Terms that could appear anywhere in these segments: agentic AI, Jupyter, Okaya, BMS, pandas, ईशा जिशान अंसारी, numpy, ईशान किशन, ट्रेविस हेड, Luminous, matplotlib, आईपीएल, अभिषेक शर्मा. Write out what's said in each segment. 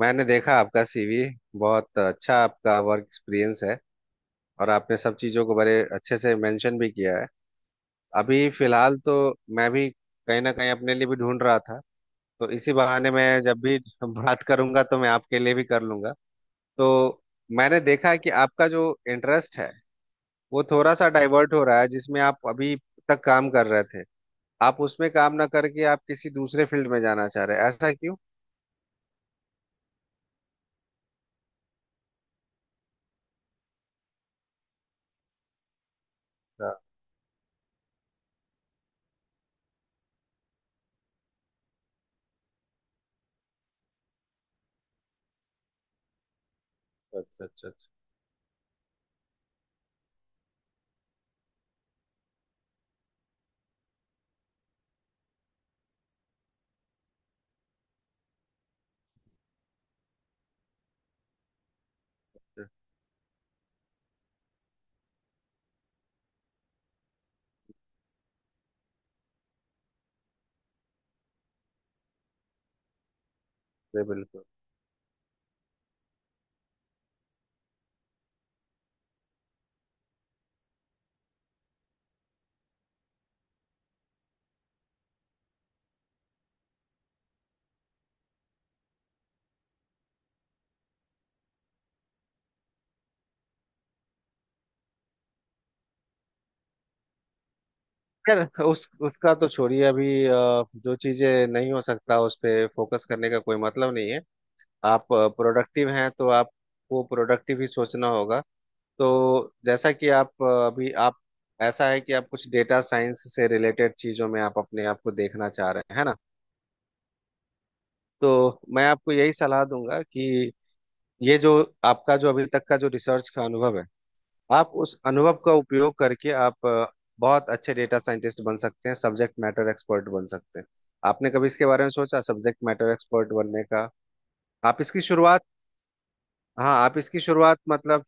मैंने देखा आपका सीवी बहुत अच्छा आपका वर्क एक्सपीरियंस है। और आपने सब चीज़ों को बड़े अच्छे से मेंशन भी किया है। अभी फिलहाल तो मैं भी कहीं ना कहीं अपने लिए भी ढूंढ रहा था, तो इसी बहाने मैं जब भी बात करूंगा तो मैं आपके लिए भी कर लूंगा। तो मैंने देखा है कि आपका जो इंटरेस्ट है, वो थोड़ा सा डाइवर्ट हो रहा है। जिसमें आप अभी तक काम कर रहे थे, आप उसमें काम ना करके आप किसी दूसरे फील्ड में जाना चाह रहे हैं, ऐसा क्यों? अच्छा अच्छा अच्छा अच्छा, जी, बिल्कुल। खैर, उस उसका तो छोड़िए। अभी जो चीजें नहीं हो सकता उस पे फोकस करने का कोई मतलब नहीं है। आप प्रोडक्टिव हैं तो आपको प्रोडक्टिव ही सोचना होगा। तो जैसा कि आप अभी आप, ऐसा है कि आप कुछ डेटा साइंस से रिलेटेड चीजों में आप अपने आप को देखना चाह रहे हैं, है ना। तो मैं आपको यही सलाह दूंगा कि ये जो आपका जो अभी तक का जो रिसर्च का अनुभव है, आप उस अनुभव का उपयोग करके आप बहुत अच्छे डेटा साइंटिस्ट बन सकते हैं, सब्जेक्ट मैटर एक्सपर्ट बन सकते हैं। आपने कभी इसके बारे में सोचा सब्जेक्ट मैटर एक्सपर्ट बनने का? आप इसकी शुरुआत। हाँ, आप इसकी शुरुआत मतलब।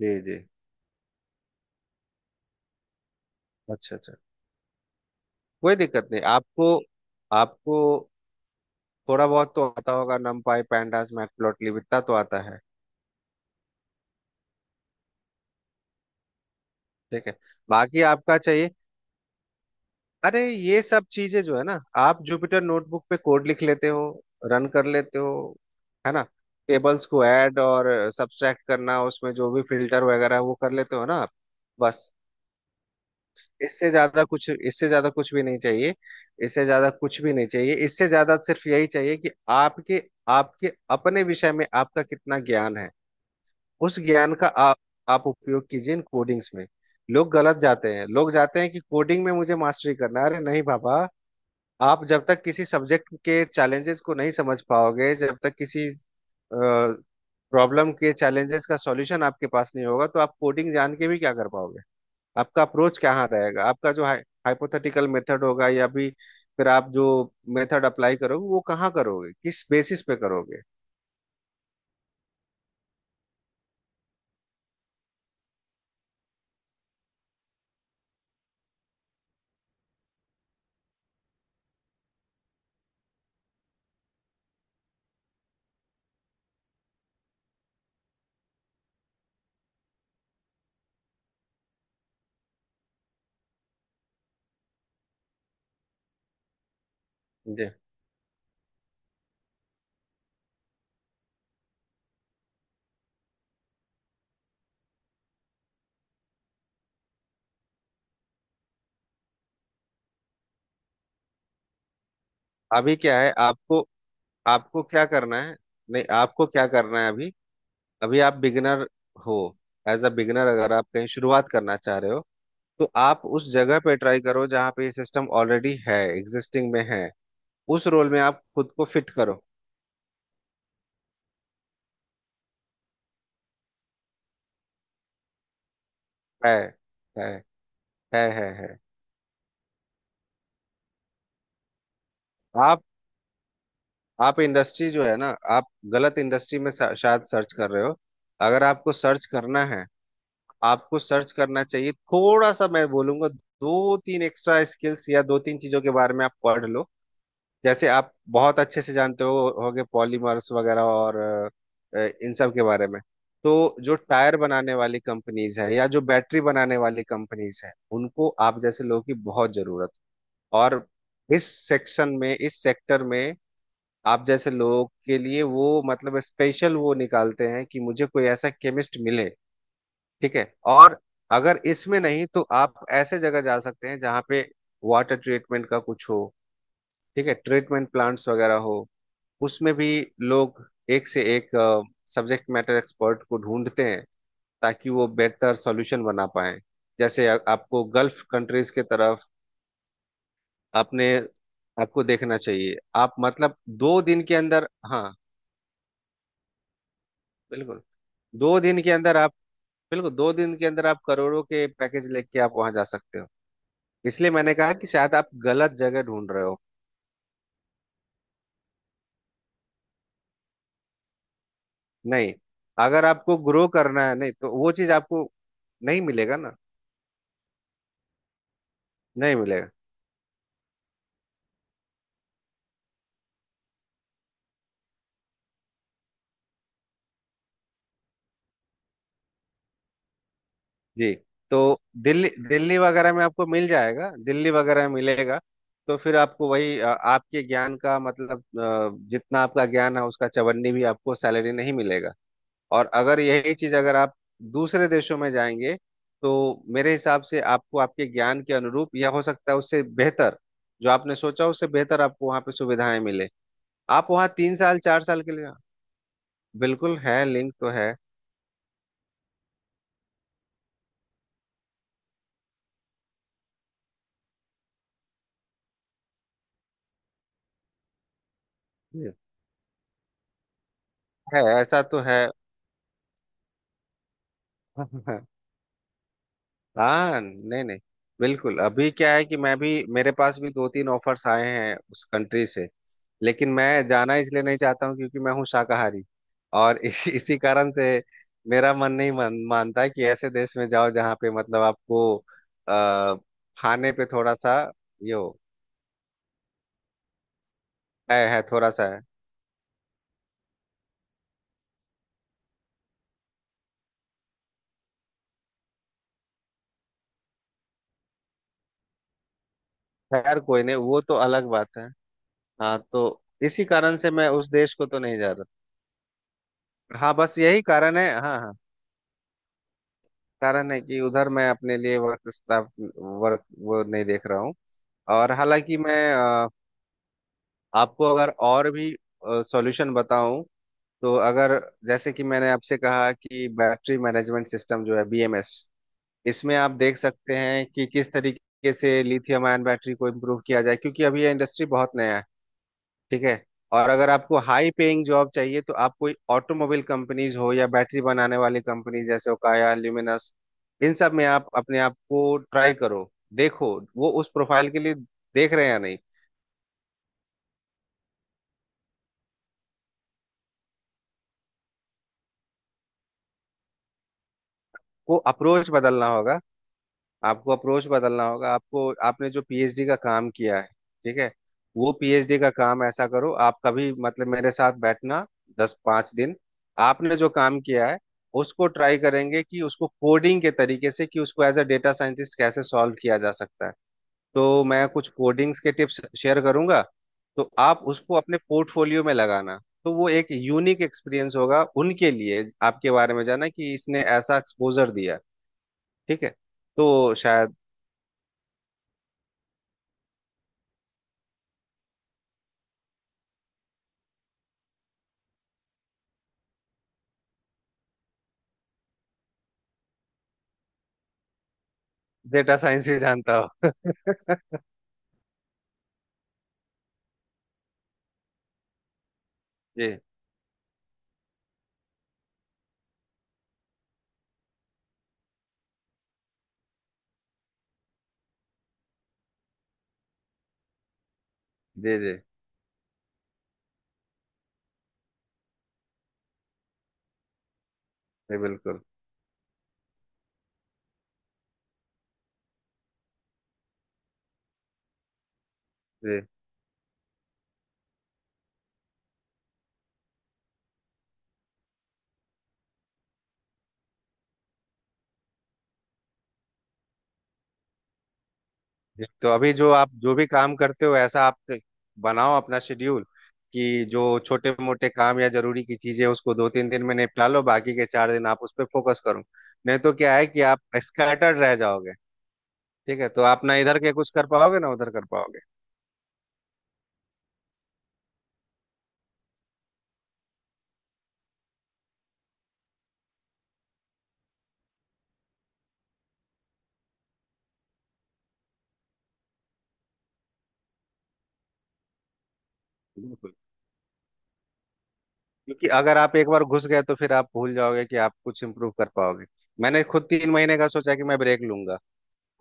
जी जी। अच्छा अच्छा। कोई दिक्कत नहीं आपको। आपको थोड़ा बहुत तो आता होगा numpy pandas matplotlib, इतना तो आता है। ठीक है, बाकी आपका चाहिए। अरे ये सब चीजें जो है ना, आप जुपिटर नोटबुक पे कोड लिख लेते हो, रन कर लेते हो, है ना। टेबल्स को ऐड और सब्ट्रैक्ट करना, उसमें जो भी फिल्टर वगैरह है, वो कर लेते हो ना आप। बस इससे ज्यादा कुछ, इससे ज्यादा कुछ भी नहीं चाहिए। इससे ज्यादा कुछ भी नहीं चाहिए। इससे ज्यादा सिर्फ यही चाहिए कि आपके आपके अपने विषय में आपका कितना ज्ञान है। उस ज्ञान का आप उपयोग कीजिए इन कोडिंग्स में। लोग गलत जाते हैं, लोग जाते हैं कि कोडिंग में मुझे मास्टरी करना है। अरे नहीं बाबा, आप जब तक किसी सब्जेक्ट के चैलेंजेस को नहीं समझ पाओगे, जब तक किसी प्रॉब्लम के चैलेंजेस का सॉल्यूशन आपके पास नहीं होगा, तो आप कोडिंग जान के भी क्या कर पाओगे? आपका अप्रोच कहाँ रहेगा? आपका जो हाइपोथेटिकल मेथड होगा या भी फिर आप जो मेथड अप्लाई करोगे, वो कहाँ करोगे, किस बेसिस पे करोगे? जी। अभी क्या है आपको, आपको क्या करना है। नहीं, आपको क्या करना है अभी, अभी आप बिगिनर हो। एज अ बिगिनर अगर आप कहीं शुरुआत करना चाह रहे हो, तो आप उस जगह पे ट्राई करो जहाँ पे ये सिस्टम ऑलरेडी है, एग्जिस्टिंग में है। उस रोल में आप खुद को फिट करो। है, है, है, है, है। आप आप इंडस्ट्री जो है ना, आप गलत इंडस्ट्री में शायद सर्च कर रहे हो। अगर आपको सर्च करना है, आपको सर्च करना चाहिए थोड़ा सा। मैं बोलूंगा दो तीन एक्स्ट्रा स्किल्स या दो तीन चीजों के बारे में आप पढ़ लो। जैसे आप बहुत अच्छे से जानते हो होगे पॉलीमर्स वगैरह और इन सब के बारे में। तो जो टायर बनाने वाली कंपनीज है या जो बैटरी बनाने वाली कंपनीज है, उनको आप जैसे लोगों की बहुत जरूरत है। और इस सेक्शन में, इस सेक्टर में, आप जैसे लोगों के लिए वो मतलब स्पेशल वो निकालते हैं कि मुझे कोई ऐसा केमिस्ट मिले। ठीक है। और अगर इसमें नहीं तो आप ऐसे जगह जा सकते हैं जहाँ पे वाटर ट्रीटमेंट का कुछ हो। ठीक है, ट्रीटमेंट प्लांट्स वगैरह हो। उसमें भी लोग एक से एक सब्जेक्ट मैटर एक्सपर्ट को ढूंढते हैं, ताकि वो बेहतर सॉल्यूशन बना पाए। जैसे आपको गल्फ कंट्रीज के तरफ आपने, आपको देखना चाहिए। आप मतलब 2 दिन के अंदर, हाँ, बिल्कुल 2 दिन के अंदर आप, बिल्कुल दो दिन के अंदर आप करोड़ों के पैकेज लेके आप वहां जा सकते हो। इसलिए मैंने कहा कि शायद आप गलत जगह ढूंढ रहे हो। नहीं, अगर आपको ग्रो करना है, नहीं तो वो चीज आपको नहीं मिलेगा ना, नहीं मिलेगा। जी, तो दिल्ली, दिल्ली वगैरह में आपको मिल जाएगा, दिल्ली वगैरह में मिलेगा। तो फिर आपको वही आपके ज्ञान का मतलब जितना आपका ज्ञान है उसका चवन्नी भी आपको सैलरी नहीं मिलेगा। और अगर यही चीज अगर आप दूसरे देशों में जाएंगे, तो मेरे हिसाब से आपको आपके ज्ञान के अनुरूप या हो सकता है उससे बेहतर, जो आपने सोचा उससे बेहतर आपको वहाँ पे सुविधाएं मिले। आप वहाँ 3 साल, 4 साल के लिए। बिल्कुल है, लिंक तो है। जी। है, ऐसा तो है। हाँ, नहीं नहीं, बिल्कुल। अभी क्या है कि मैं भी, मेरे पास भी दो तीन ऑफर्स आए हैं उस कंट्री से। लेकिन मैं जाना इसलिए नहीं चाहता हूँ क्योंकि मैं हूँ शाकाहारी। और इसी इसी कारण से मेरा मन नहीं मानता कि ऐसे देश में जाओ जहाँ पे मतलब आपको आ, खाने पे थोड़ा सा ये हो। है थोड़ा सा है। खैर, कोई नहीं, वो तो अलग बात है। हाँ, तो इसी कारण से मैं उस देश को तो नहीं जा रहा। हाँ, बस यही कारण है, हाँ हाँ। कारण है कि उधर मैं अपने लिए वर्क स्टाफ, वर्क वो नहीं देख रहा हूँ। और हालांकि मैं आपको अगर और भी सॉल्यूशन बताऊं, तो अगर जैसे कि मैंने आपसे कहा कि बैटरी मैनेजमेंट सिस्टम जो है, बीएमएस, इसमें आप देख सकते हैं कि किस तरीके से लिथियम आयन बैटरी को इम्प्रूव किया जाए, क्योंकि अभी ये इंडस्ट्री बहुत नया है। ठीक है। और अगर आपको हाई पेइंग जॉब चाहिए तो आप कोई ऑटोमोबाइल कंपनीज हो या बैटरी बनाने वाली कंपनीज जैसे ओकाया, ल्यूमिनस, इन सब में आप अपने आप को ट्राई करो। देखो, वो उस प्रोफाइल के लिए देख रहे हैं या नहीं। वो अप्रोच बदलना होगा। आपको अप्रोच बदलना होगा। आपको, आपने जो पीएचडी का काम किया है, ठीक है, वो पीएचडी का काम ऐसा करो। आप कभी मतलब मेरे साथ बैठना, दस पांच दिन। आपने जो काम किया है, उसको ट्राई करेंगे कि उसको कोडिंग के तरीके से कि उसको एज अ डेटा साइंटिस्ट कैसे सॉल्व किया जा सकता है। तो मैं कुछ कोडिंग्स के टिप्स शेयर करूंगा। तो आप उसको अपने पोर्टफोलियो में लगाना, तो वो एक यूनिक एक्सपीरियंस होगा उनके लिए आपके बारे में जाना कि इसने ऐसा एक्सपोजर दिया। ठीक है। तो शायद, डेटा साइंस भी जानता हो। जी जी। जी जी। बिल्कुल। जी जी। तो अभी जो आप जो भी काम करते हो, ऐसा आप बनाओ अपना शेड्यूल कि जो छोटे मोटे काम या जरूरी की चीजें, उसको दो तीन दिन में निपटा लो, बाकी के 4 दिन आप उस पर फोकस करो। नहीं तो क्या है कि आप स्कैटर्ड रह जाओगे। ठीक है, तो आप ना इधर के कुछ कर पाओगे ना उधर कर पाओगे। बिल्कुल। क्योंकि अगर आप एक बार घुस गए तो फिर आप भूल जाओगे कि आप कुछ इम्प्रूव कर पाओगे। मैंने खुद 3 महीने का सोचा कि मैं ब्रेक लूंगा।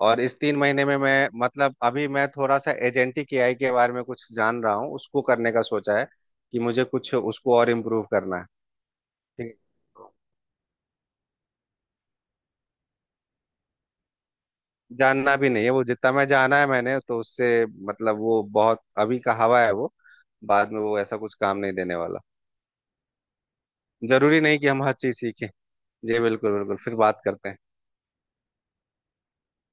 और इस 3 महीने में मैं मतलब अभी मैं थोड़ा सा एजेंटिक एआई के बारे में कुछ जान रहा हूँ, उसको करने का सोचा है कि मुझे कुछ उसको और इम्प्रूव करना है। ठीक है, जानना भी नहीं है वो जितना मैं जाना है मैंने, तो उससे मतलब वो बहुत अभी का हवा है वो। बाद में वो ऐसा कुछ काम नहीं देने वाला। जरूरी नहीं कि हम हर चीज सीखें। जी बिल्कुल, बिल्कुल, फिर बात करते हैं।